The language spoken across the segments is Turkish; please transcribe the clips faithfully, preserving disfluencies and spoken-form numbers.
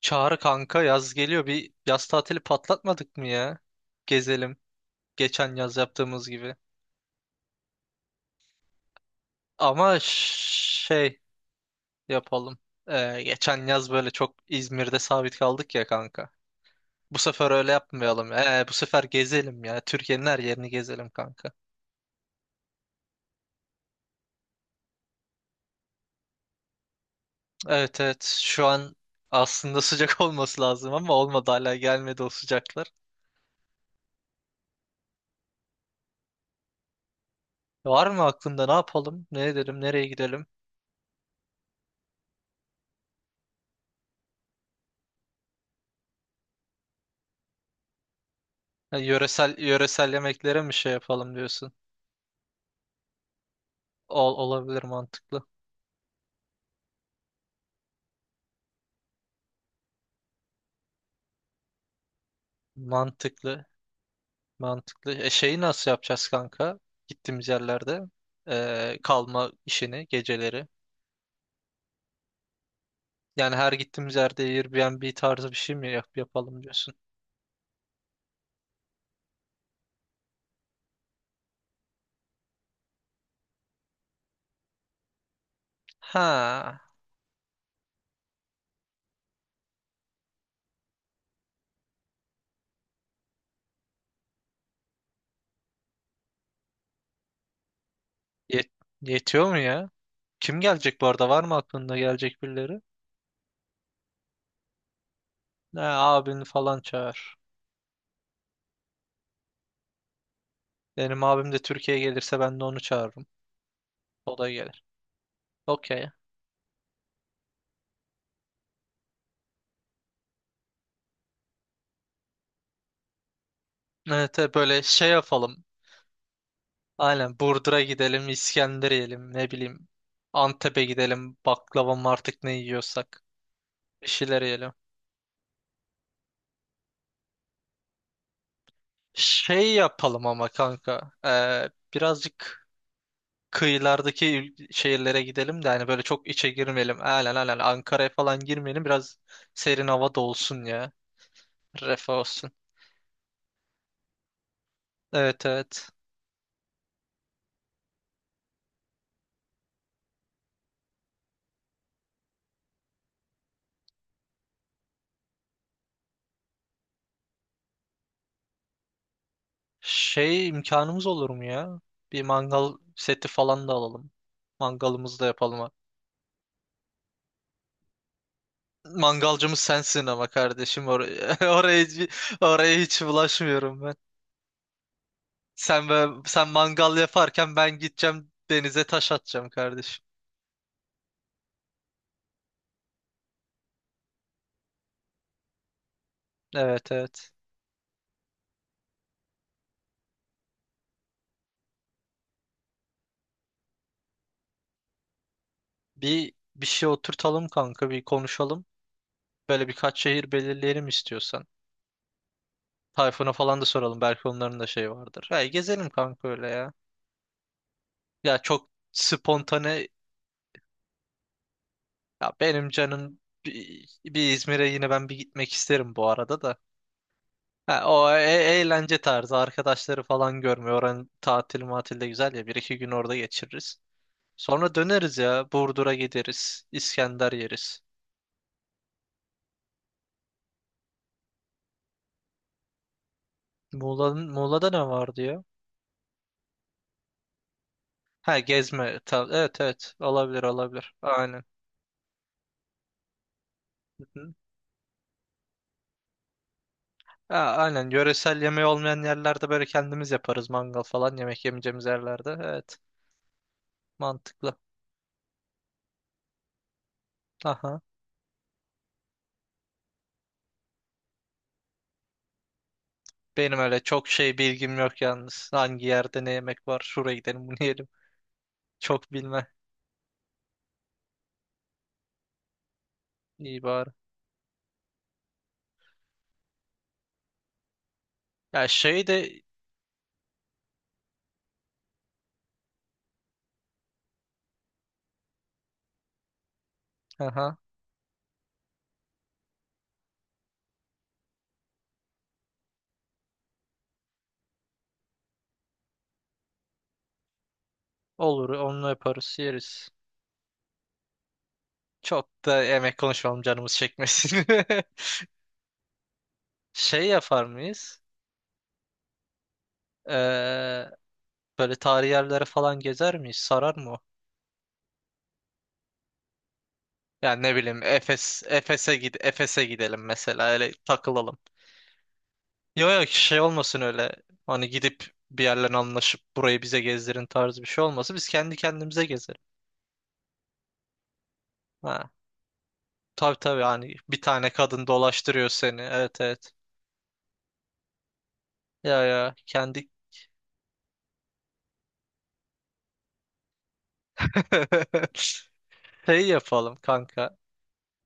Çağrı kanka, yaz geliyor. Bir yaz tatili patlatmadık mı ya? Gezelim. Geçen yaz yaptığımız gibi. Ama ş- şey yapalım. Ee, geçen yaz böyle çok İzmir'de sabit kaldık ya kanka. Bu sefer öyle yapmayalım. Ee, bu sefer gezelim ya. Türkiye'nin her yerini gezelim kanka. Evet, evet. Şu an aslında sıcak olması lazım ama olmadı, hala gelmedi o sıcaklar. Var mı aklında, ne yapalım? Ne edelim? Nereye gidelim? Ha, yöresel yöresel yemeklere mi şey yapalım diyorsun? Ol, olabilir, mantıklı. Mantıklı. Mantıklı. E, şeyi nasıl yapacağız kanka? Gittiğimiz yerlerde, e, kalma işini, geceleri. Yani her gittiğimiz yerde Airbnb tarzı bir şey mi yap, yapalım diyorsun? Ha, yet- yetiyor mu ya? Kim gelecek bu arada? Var mı aklında gelecek birileri? Ha, abini falan çağır. Benim abim de Türkiye'ye gelirse ben de onu çağırırım. O da gelir. Okey. Evet, e, böyle şey yapalım. Aynen Burdur'a gidelim, İskender yiyelim, ne bileyim, Antep'e gidelim, baklava mı artık ne yiyorsak, bir şeyler yiyelim. Şey yapalım ama kanka, eee, birazcık kıyılardaki il- şehirlere gidelim de hani böyle çok içe girmeyelim. Aynen aynen Ankara'ya falan girmeyelim, biraz serin hava da olsun ya. Refah olsun. Evet, evet. Şey, imkanımız olur mu ya? Bir mangal seti falan da alalım. Mangalımızı da yapalım. Mangalcımız sensin ama kardeşim, oraya oraya hiç, oraya hiç bulaşmıyorum ben. Sen ve sen mangal yaparken ben gideceğim denize, taş atacağım kardeşim. Evet, evet. Bir bir şey oturtalım kanka, bir konuşalım. Böyle birkaç şehir belirleyelim istiyorsan. Tayfun'a falan da soralım, belki onların da şeyi vardır. Hey, gezelim kanka öyle ya. Ya çok spontane, ya benim canım bir, bir İzmir'e yine ben bir gitmek isterim bu arada da. Ha, o e- eğlence tarzı arkadaşları falan görmüyor. Oranın tatil matil de güzel ya. Bir iki gün orada geçiririz. Sonra döneriz ya. Burdur'a gideriz. İskender yeriz. Muğla'nın, Muğla'da ne vardı ya? Ha, gezme. Ta- evet, evet. Olabilir, olabilir. Aynen. Hı-hı. Ha, aynen. Yöresel yemeği olmayan yerlerde böyle kendimiz yaparız. Mangal falan, yemek yemeyeceğimiz yerlerde. Evet. Mantıklı. Aha. Benim öyle çok şey bilgim yok yalnız. Hangi yerde ne yemek var? Şuraya gidelim, bunu yiyelim. Çok bilme. İyi bari. Ya şey de, aha, olur, onunla yaparız yeriz. Çok da yemek konuşalım, canımız çekmesin. Şey yapar mıyız? Ee, böyle tarihi yerlere falan gezer miyiz? Sarar mı o? Yani ne bileyim, Efes Efes'e gid Efes'e gidelim mesela, öyle takılalım. Yok yok, şey olmasın öyle. Hani gidip bir yerlerle anlaşıp burayı bize gezdirin tarzı bir şey olmasın. Biz kendi kendimize gezelim. Ha. Tabii tabii, hani bir tane kadın dolaştırıyor seni. Evet, evet. Ya ya kendi şey yapalım kanka.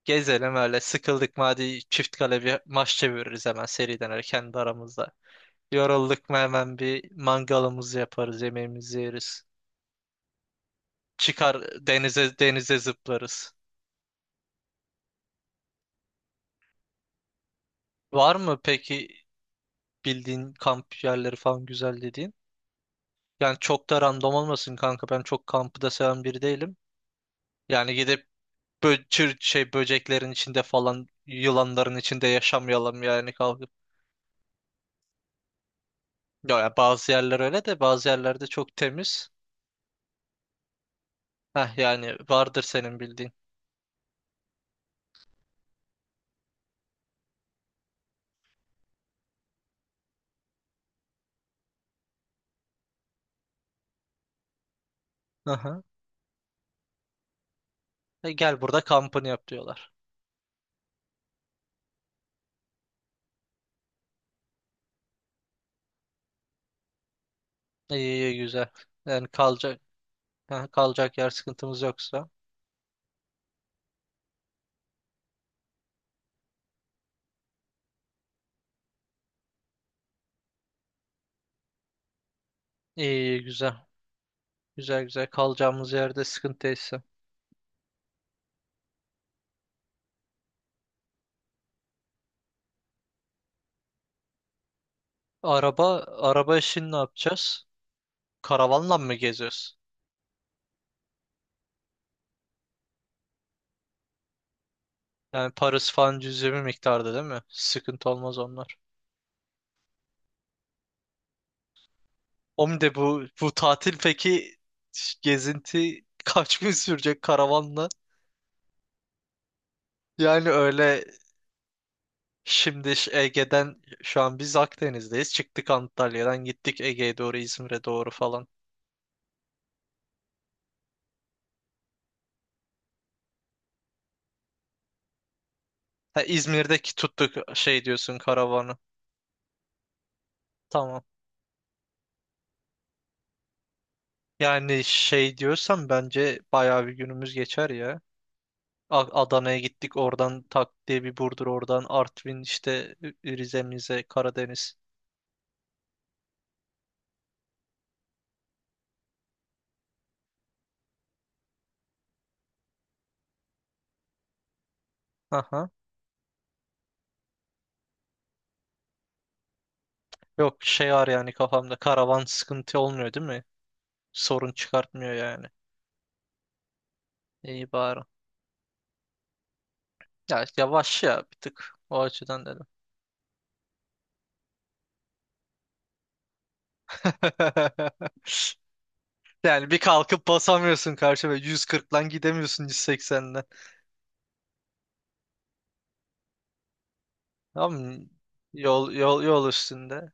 Gezelim öyle. Sıkıldık mı hadi çift kale bir maç çeviririz hemen seriden, öyle kendi aramızda. Yorulduk mu hemen bir mangalımızı yaparız, yemeğimizi yeriz. Çıkar denize, denize zıplarız. Var mı peki bildiğin kamp yerleri falan güzel dediğin? Yani çok da random olmasın kanka. Ben çok kampı da seven biri değilim. Yani gidip bö çür- şey böceklerin içinde falan, yılanların içinde yaşamayalım yani, kalkıp. Ya ya bazı yerler öyle de bazı yerlerde çok temiz. Heh, yani vardır senin bildiğin. Aha. E, gel burada kampını yap diyorlar. İyi iyi, güzel. Yani kalacak, ha, kalacak yer sıkıntımız yoksa. İyi iyi, güzel. Güzel güzel, kalacağımız yerde sıkıntıysa. Araba araba işini ne yapacağız? Karavanla mı geziyoruz? Yani parası falan cüzi bir miktarda değil mi? Sıkıntı olmaz onlar. Om de bu bu tatil peki, gezinti kaç gün sürecek karavanla? Yani öyle, şimdi ş- Ege'den, şu an biz Akdeniz'deyiz. Çıktık Antalya'dan, gittik Ege'ye doğru, İzmir'e doğru falan. Ha, İzmir'deki tuttuk şey diyorsun, karavanı. Tamam. Yani şey diyorsan bence bayağı bir günümüz geçer ya. A- Adana'ya gittik, oradan tak diye bir Burdur, oradan Artvin, işte Ü- Rize Mize, Karadeniz. Aha. Yok, şey var yani kafamda, karavan sıkıntı olmuyor değil mi? Sorun çıkartmıyor yani. İyi bari. Ya yavaş ya, bir tık o açıdan dedim. Yani bir kalkıp basamıyorsun karşı, ve yüz kırklan gidemiyorsun yüz seksenden. Tamam mı? Yol yol yol üstünde.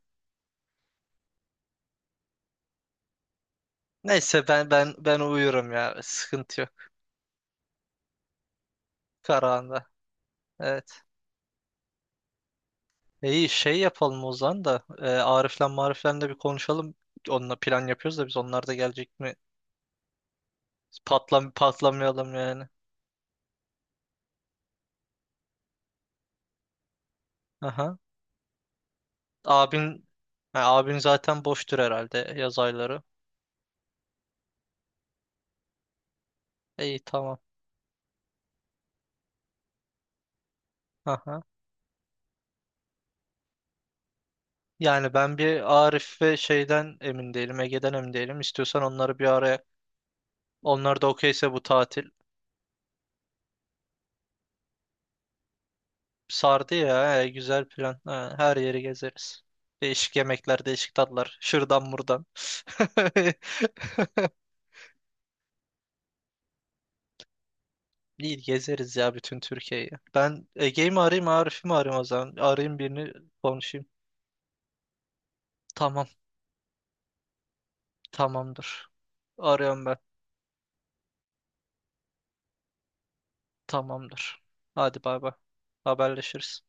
Neyse ben ben ben uyurum ya. Sıkıntı yok. Karanlıkta. Evet. E, İyi şey yapalım o zaman da, e, Arif'le Marif'le de bir konuşalım. Onunla plan yapıyoruz da biz, onlar da gelecek mi? Patlam patlamayalım yani. Aha. Abin, ha, abin zaten boştur herhalde yaz ayları. İyi, tamam. Aha. Yani ben bir Arif ve şeyden emin değilim, Ege'den emin değilim. İstiyorsan onları bir araya, onlar da okeyse bu tatil. Sardı ya, he, güzel plan. Ha, her yeri gezeriz. Değişik yemekler, değişik tatlar. Şırdan buradan. İyi, gezeriz ya bütün Türkiye'yi. Ben Ege'yi mi arayayım, Arif'i mi arayayım o zaman? Arayayım birini, konuşayım. Tamam, tamamdır. Arıyorum ben. Tamamdır. Hadi bay bay. Haberleşiriz.